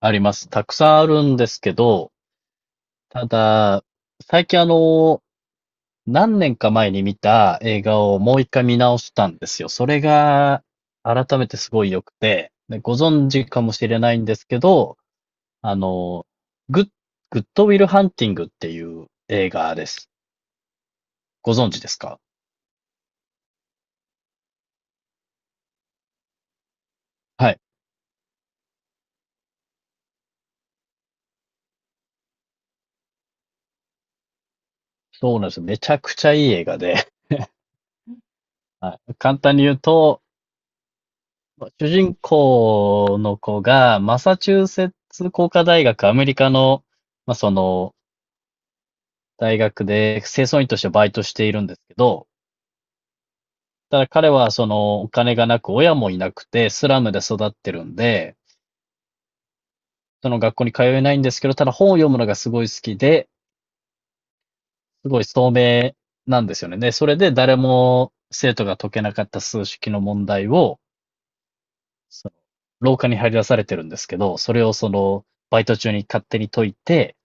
あります。たくさんあるんですけど、ただ、最近何年か前に見た映画をもう一回見直したんですよ。それが、改めてすごい良くて、でご存知かもしれないんですけど、あの、グッ、グッドウィルハンティングっていう映画です。ご存知ですか？はい。そうなんです。めちゃくちゃいい映画で、はい、簡単に言うと、主人公の子が、マサチューセッツ工科大学、アメリカの、まあ、その、大学で清掃員としてバイトしているんですけど、ただ彼はそのお金がなく、親もいなくて、スラムで育ってるんで、その学校に通えないんですけど、ただ本を読むのがすごい好きで、すごい聡明なんですよね。で、それで誰も生徒が解けなかった数式の問題を、その廊下に張り出されてるんですけど、それをバイト中に勝手に解いて、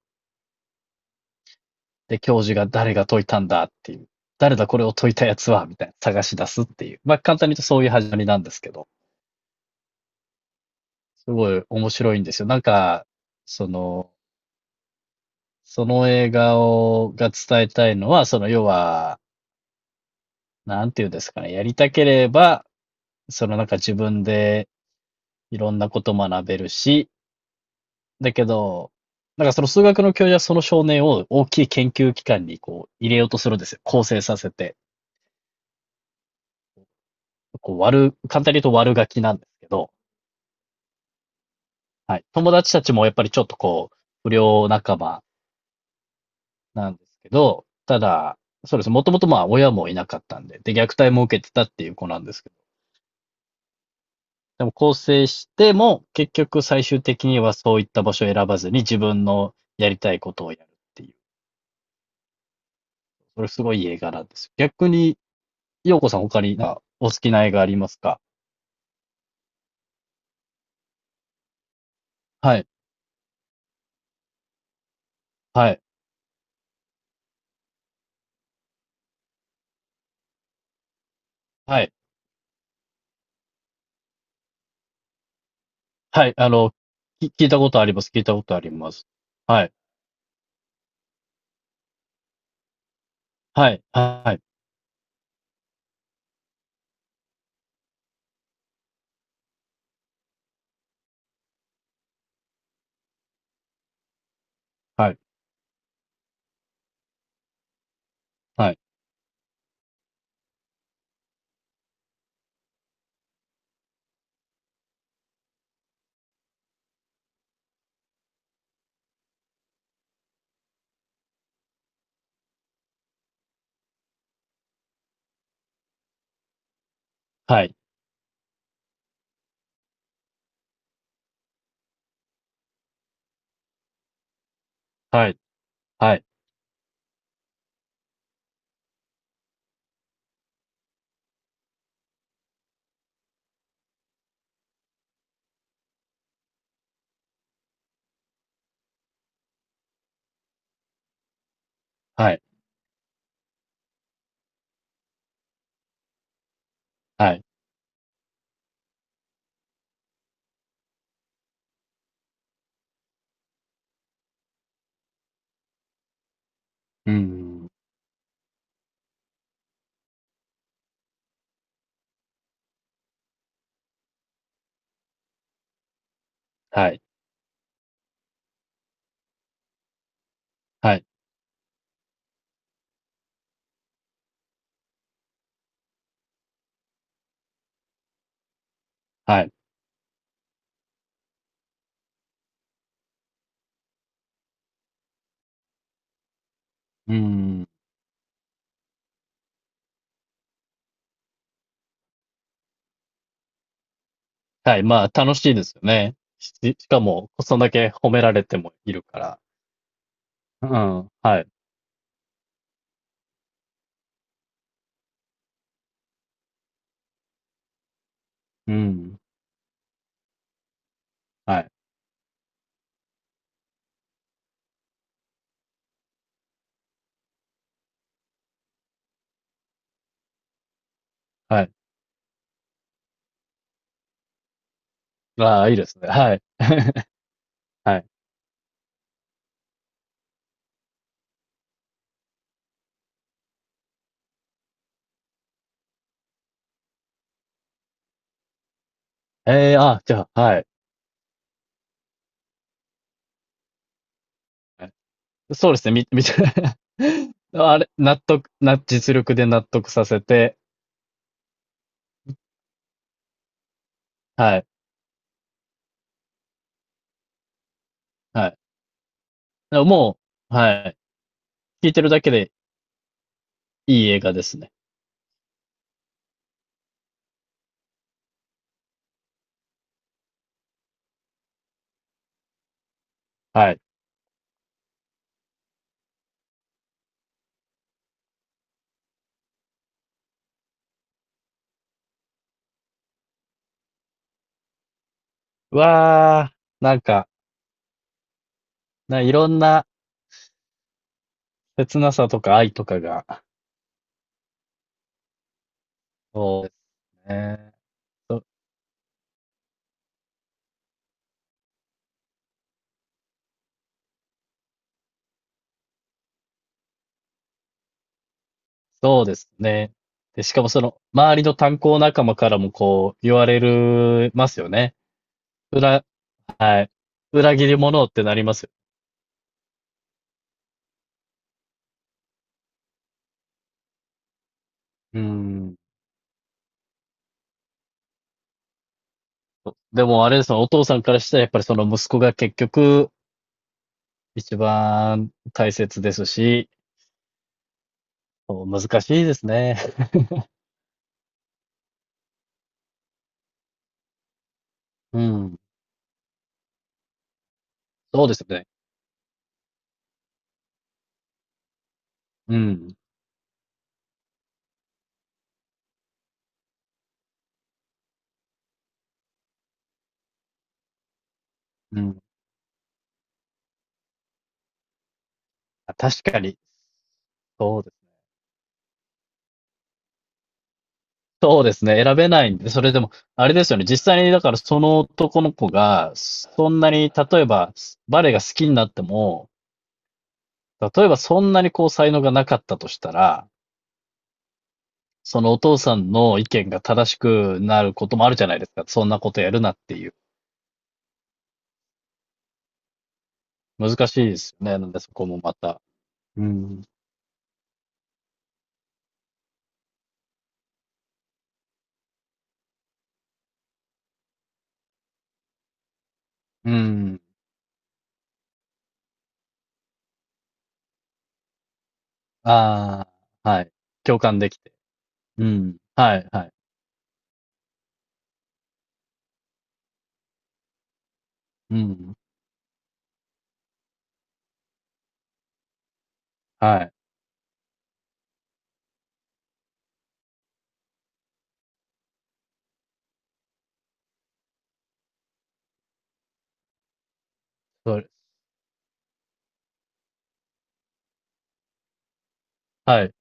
で、教授が誰が解いたんだっていう、誰だこれを解いたやつは、みたいな探し出すっていう。まあ、簡単に言うとそういう始まりなんですけど、すごい面白いんですよ。なんか、その、その映画が伝えたいのは、要は、なんていうんですかね、やりたければ、なんか自分でいろんなこと学べるし、だけど、なんかその数学の教授はその少年を大きい研究機関にこう入れようとするんですよ。構成させて。こう悪、簡単に言うと悪ガキなんですけど、はい。友達たちもやっぱりちょっと不良仲間なんですけど、ただ、そうです。もともとまあ親もいなかったんで、で、虐待も受けてたっていう子なんですけど、でも更生しても、結局最終的にはそういった場所を選ばずに自分のやりたいことをやるっていう、それすごいいい映画なんですよ。逆に、ようこさん他になんかお好きな映画ありますか？はい、はい、はい、はい、聞いたことあります。聞いたことあります。はい、はい、はい、はい、はい、はい、はい、はい。はい、はい。うーん。はい、はい、はい。うーん。はい、まあ楽しいですよね。しかも、そんだけ褒められてもいるから。うん、はい。うん。はい、はい。ああ、いいですね。はい。はい。ええ、あ、じゃあ、はい。はい。そうですね、見て あれ、納得な実力で納得させて、はい、はい。でももう、はい、聞いてるだけでいい映画ですね。はい。わあ、なんか、いろんな切なさとか愛とかが、そうですね。そそうですね。で、しかもその、周りの炭鉱仲間からもこう、言われるますよね。裏、はい。裏切り者ってなりますよ。うん。でもあれですよ、お父さんからしたらやっぱりその息子が結局、一番大切ですし、そう、難しいですね。うん。そうですね。うん。うん。あ確かに、そうですねそうですね。選べないんで、それでも、あれですよね。実際に、だからその男の子が、そんなに、例えば、バレエが好きになっても、例えばそんなにこう才能がなかったとしたら、そのお父さんの意見が正しくなることもあるじゃないですか。そんなことやるなっていう。難しいですよね。なんでそこもまた。うん。うん。ああ、はい。共感できて。うん。はい、はい。うん。はい。それ、はい。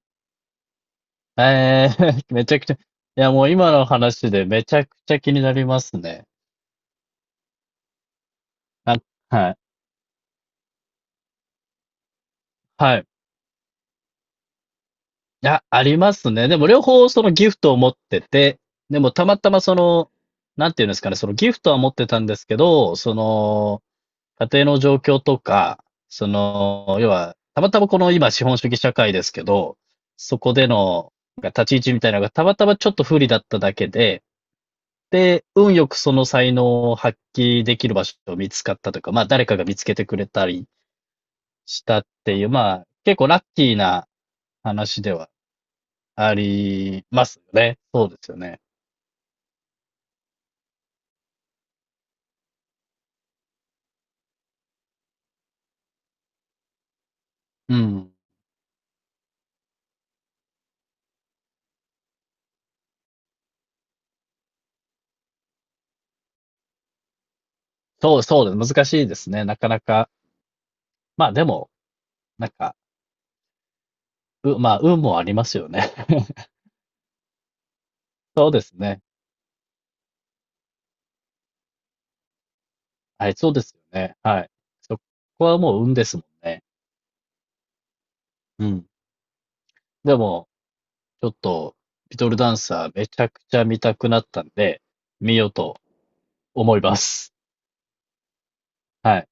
ええ めちゃくちゃ、いやもう今の話でめちゃくちゃ気になりますね。あ、はい。はい。いや、ありますね。でも両方そのギフトを持ってて、でもたまたまなんていうんですかね、そのギフトは持ってたんですけど、家庭の状況とか、要は、たまたまこの今資本主義社会ですけど、そこでの、なんか立ち位置みたいなのがたまたまちょっと不利だっただけで、で、運よくその才能を発揮できる場所を見つかったというか、まあ誰かが見つけてくれたりしたっていう、まあ結構ラッキーな話ではありますよね。そうですよね。うん。そうそうです。難しいですね。なかなか。まあでも、なんか、まあ運もありますよね。そうですね。はい、そうですよね。はい。そこはもう運ですもんね。うん。でも、ちょっと、リトルダンサーめちゃくちゃ見たくなったんで、見ようと思います。はい。